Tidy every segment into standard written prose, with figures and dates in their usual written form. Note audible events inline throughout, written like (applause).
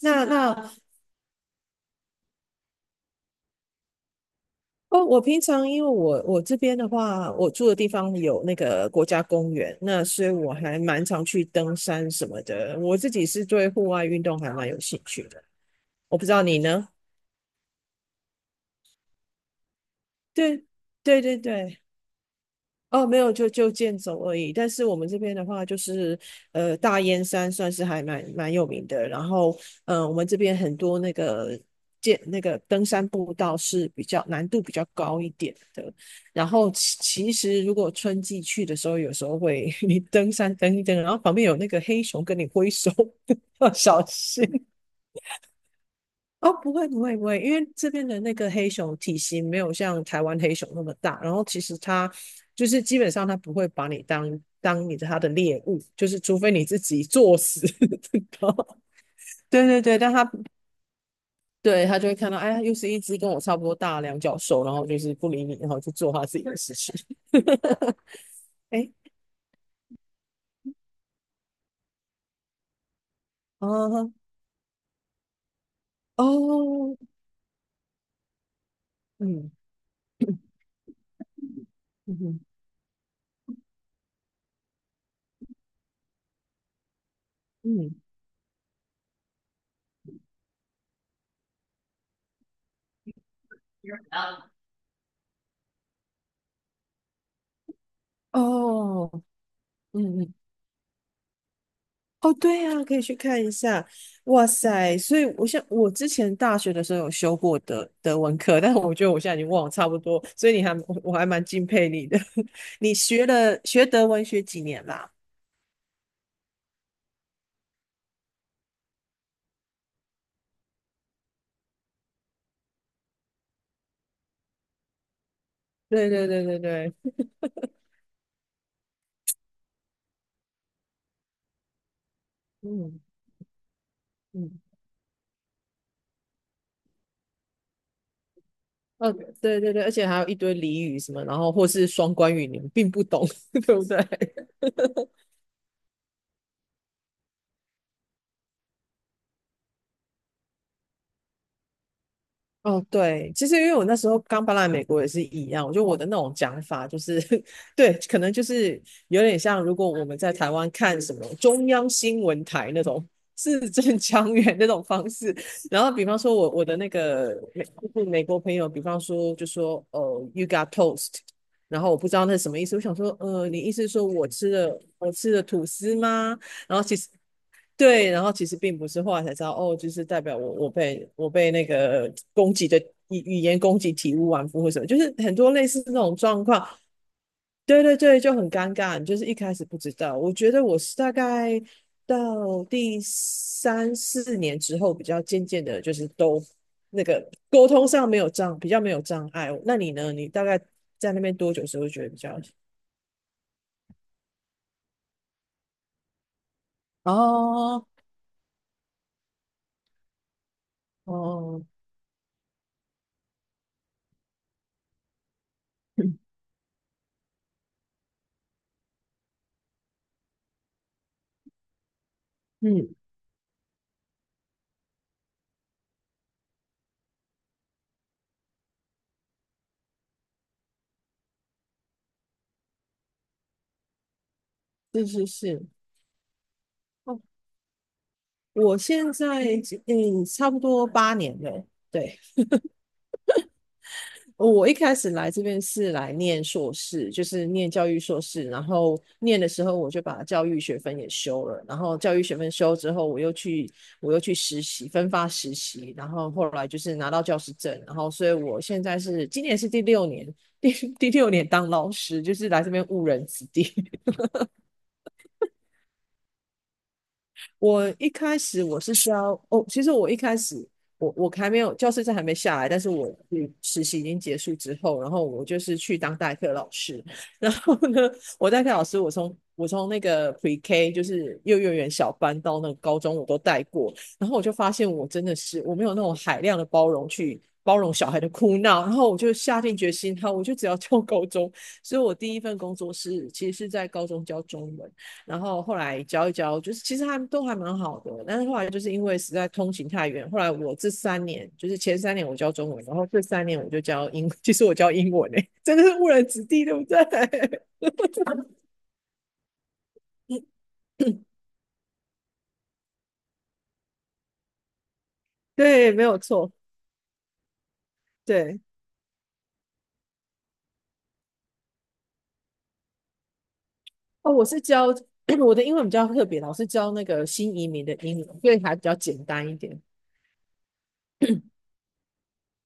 那那哦，我平常因为我这边的话，我住的地方有那个国家公园，那所以我还蛮常去登山什么的。我自己是对户外运动还蛮有兴趣的。我不知道你呢？对对对对。哦，没有，就健走而已。但是我们这边的话，就是大燕山算是还蛮有名的。然后，我们这边很多那个登山步道是比较难度比较高一点的。然后其实如果春季去的时候，有时候会 (laughs) 你登山登一登，然后旁边有那个黑熊跟你挥手。(laughs) 要小心。哦，不会不会不会，因为这边的那个黑熊体型没有像台湾黑熊那么大，然后其实它就是基本上它不会把你当它的猎物，就是除非你自己作死。(laughs) 然后对对对，但它对它就会看到，哎，又是一只跟我差不多大的两脚兽，然后就是不理你，然后去做它自己的事情。(laughs) 哎。哦哦。嗯嗯嗯。哦。嗯嗯。哦，对啊，可以去看一下。哇塞，所以我像我之前大学的时候有修过德文课，但是我觉得我现在已经忘了差不多，所以你还我我还蛮敬佩你的。(laughs) 你学德文学几年啦？对对对对对。嗯嗯。呃，对对对，而且还有一堆俚语什么，然后或是双关语，你们并不懂，(laughs) 对不对？(laughs) 哦，对，其实因为我那时候刚搬来美国也是一样，我觉得我的那种讲法就是，(laughs) 对，可能就是有点像，如果我们在台湾看什么中央新闻台那种字正腔圆那种方式，然后比方说我的那个就是美国朋友，比方说就说you got toast,然后我不知道那是什么意思，我想说你意思是说我吃了吐司吗？然后其实。对，然后其实并不是，后来才知道，哦，就是代表我被那个攻击的语言攻击体无完肤或什么，就是很多类似这种状况。对对对，就很尴尬，你就是一开始不知道。我觉得我是大概到第三四年之后，比较渐渐的，就是都那个沟通上没有障，比较没有障碍。那你呢？你大概在那边多久时候觉得比较？哦哦。嗯。是是是。我现在差不多8年了。对，我一开始来这边是来念硕士，就是念教育硕士，然后念的时候我就把教育学分也修了，然后教育学分修之后，我又去实习，分发实习，然后后来就是拿到教师证，然后所以我现在是今年是第六年，第 (laughs) 第六年当老师，就是来这边误人子弟。我一开始我是需要哦，其实我一开始我还没有教师证还没下来，但是我实习已经结束之后，然后我就是去当代课老师，(laughs) 然后呢，我代课老师我从那个 Pre K 就是幼儿园小班到那个高中我都带过，然后我就发现我真的是我没有那种海量的包容去。包容小孩的哭闹，然后我就下定决心，好，我就只要 (laughs) 教高中。所以我第一份工作是其实是在高中教中文。然后后来教一教，就是其实他们都还蛮好的，但是后来就是因为实在通勤太远，后来我这三年就是前三年我教中文，然后这三年我就(laughs) 其实我教英文诶、欸真的是误人子弟，对不对？(laughs) 对，没有错，对哦，我是教 (clears throat) (coughs) 我的英文比较特别，老是教那个新移民的英文，所以还比较简单一点。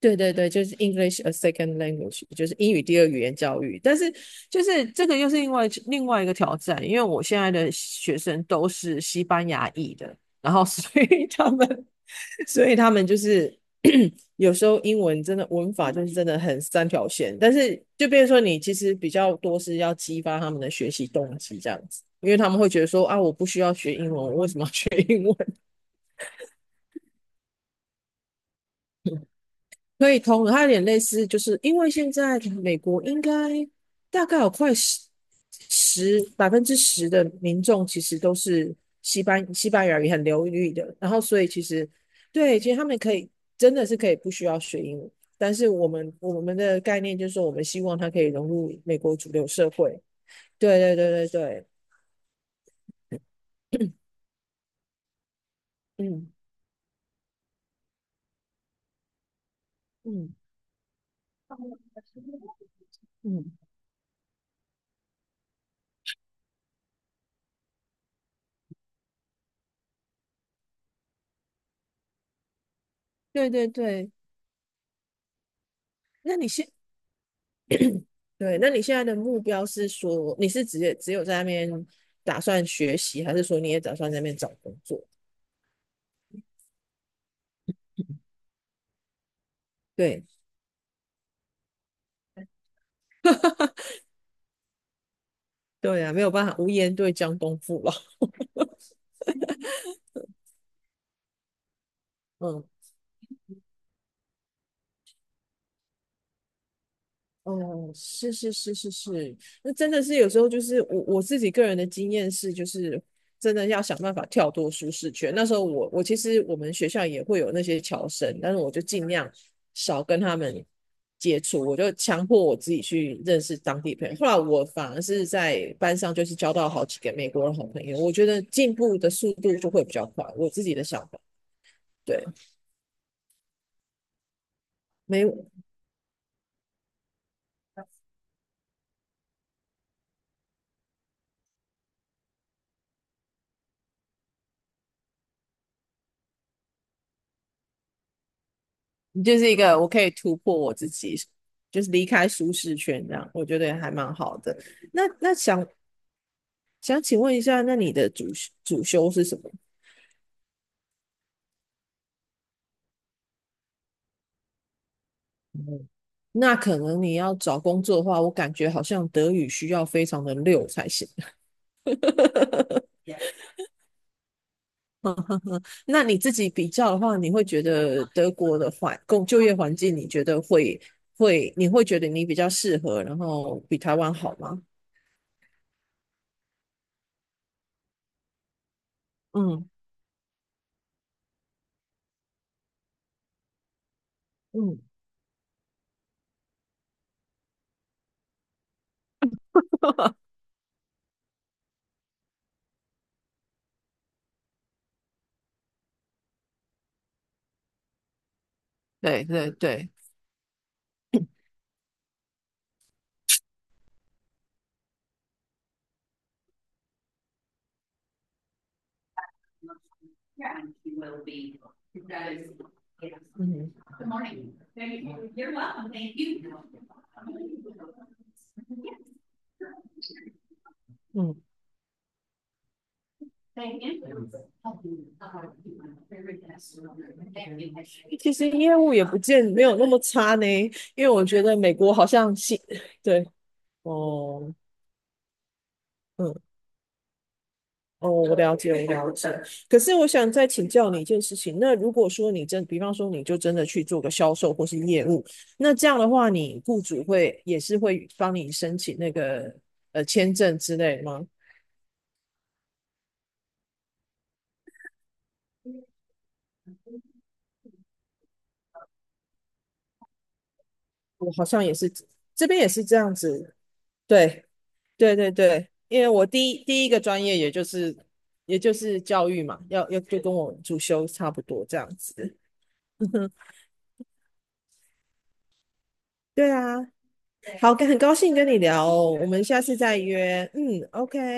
对对对，就是 English a second language,就是英语第二语言教育。但是就是这个又是另外一个挑战，因为我现在的学生都是西班牙裔的，然后所以 (laughs) 他们就是 (clears throat) 有时候英文真的文法就是真的很三条线，但是就变成说你其实比较多是要激发他们的学习动机这样子，因为他们会觉得说啊，我不需要学英文，我为什么要学英文？可以通的，它有点类似，就是因为现在美国应该大概有快10%的民众其实都是西班牙语很流利的，然后所以其实对，其实他们可以真的是可以不需要学英语，但是我们的概念就是说，我们希望它可以融入美国主流社会。对对对对对。嗯嗯嗯。对对对。那你现对，那你现在的目标是说你是只有在那边打算学习，还是说你也打算在那边找工作？对。对啊，没有办法，无言对江东父老。(laughs) 嗯。哦。是是是是是。那真的是有时候就是自己个人的经验是，就是真的要想办法跳脱舒适圈。那时候其实我们学校也会有那些侨生，但是我就尽量少跟他们接触，我就强迫我自己去认识当地朋友。后来我反而是在班上就是交到好几个美国的好朋友，我觉得进步的速度就会比较快，我自己的想法。对。没有。就是一个我可以突破我自己，就是离开舒适圈这样，我觉得还蛮好的。那想请问一下，那你的主修是什么？嗯那可能你要找工作的话，我感觉好像德语需要非常的溜才行。(laughs) 那你自己比较的话，你会觉得德国的环工就业环境，你觉得会会你会觉得你比较适合，然后比台湾好吗？嗯嗯。(laughs) 对对对。嗯嗯。其实业务也不见没有那么差呢，因为我觉得美国好像是。对哦。嗯哦。我了解，我了解。可是我想再请教你一件事情，那如果说比方说你就真的去做个销售或是业务，那这样的话，你雇主会也是会帮你申请那个签证之类吗？我好像也是这边也是这样子，对。对对对，因为我第一个专业也就是教育嘛，要就跟我主修差不多这样子。对啊。好，很高兴跟你聊哦，我们下次再约。嗯，OK。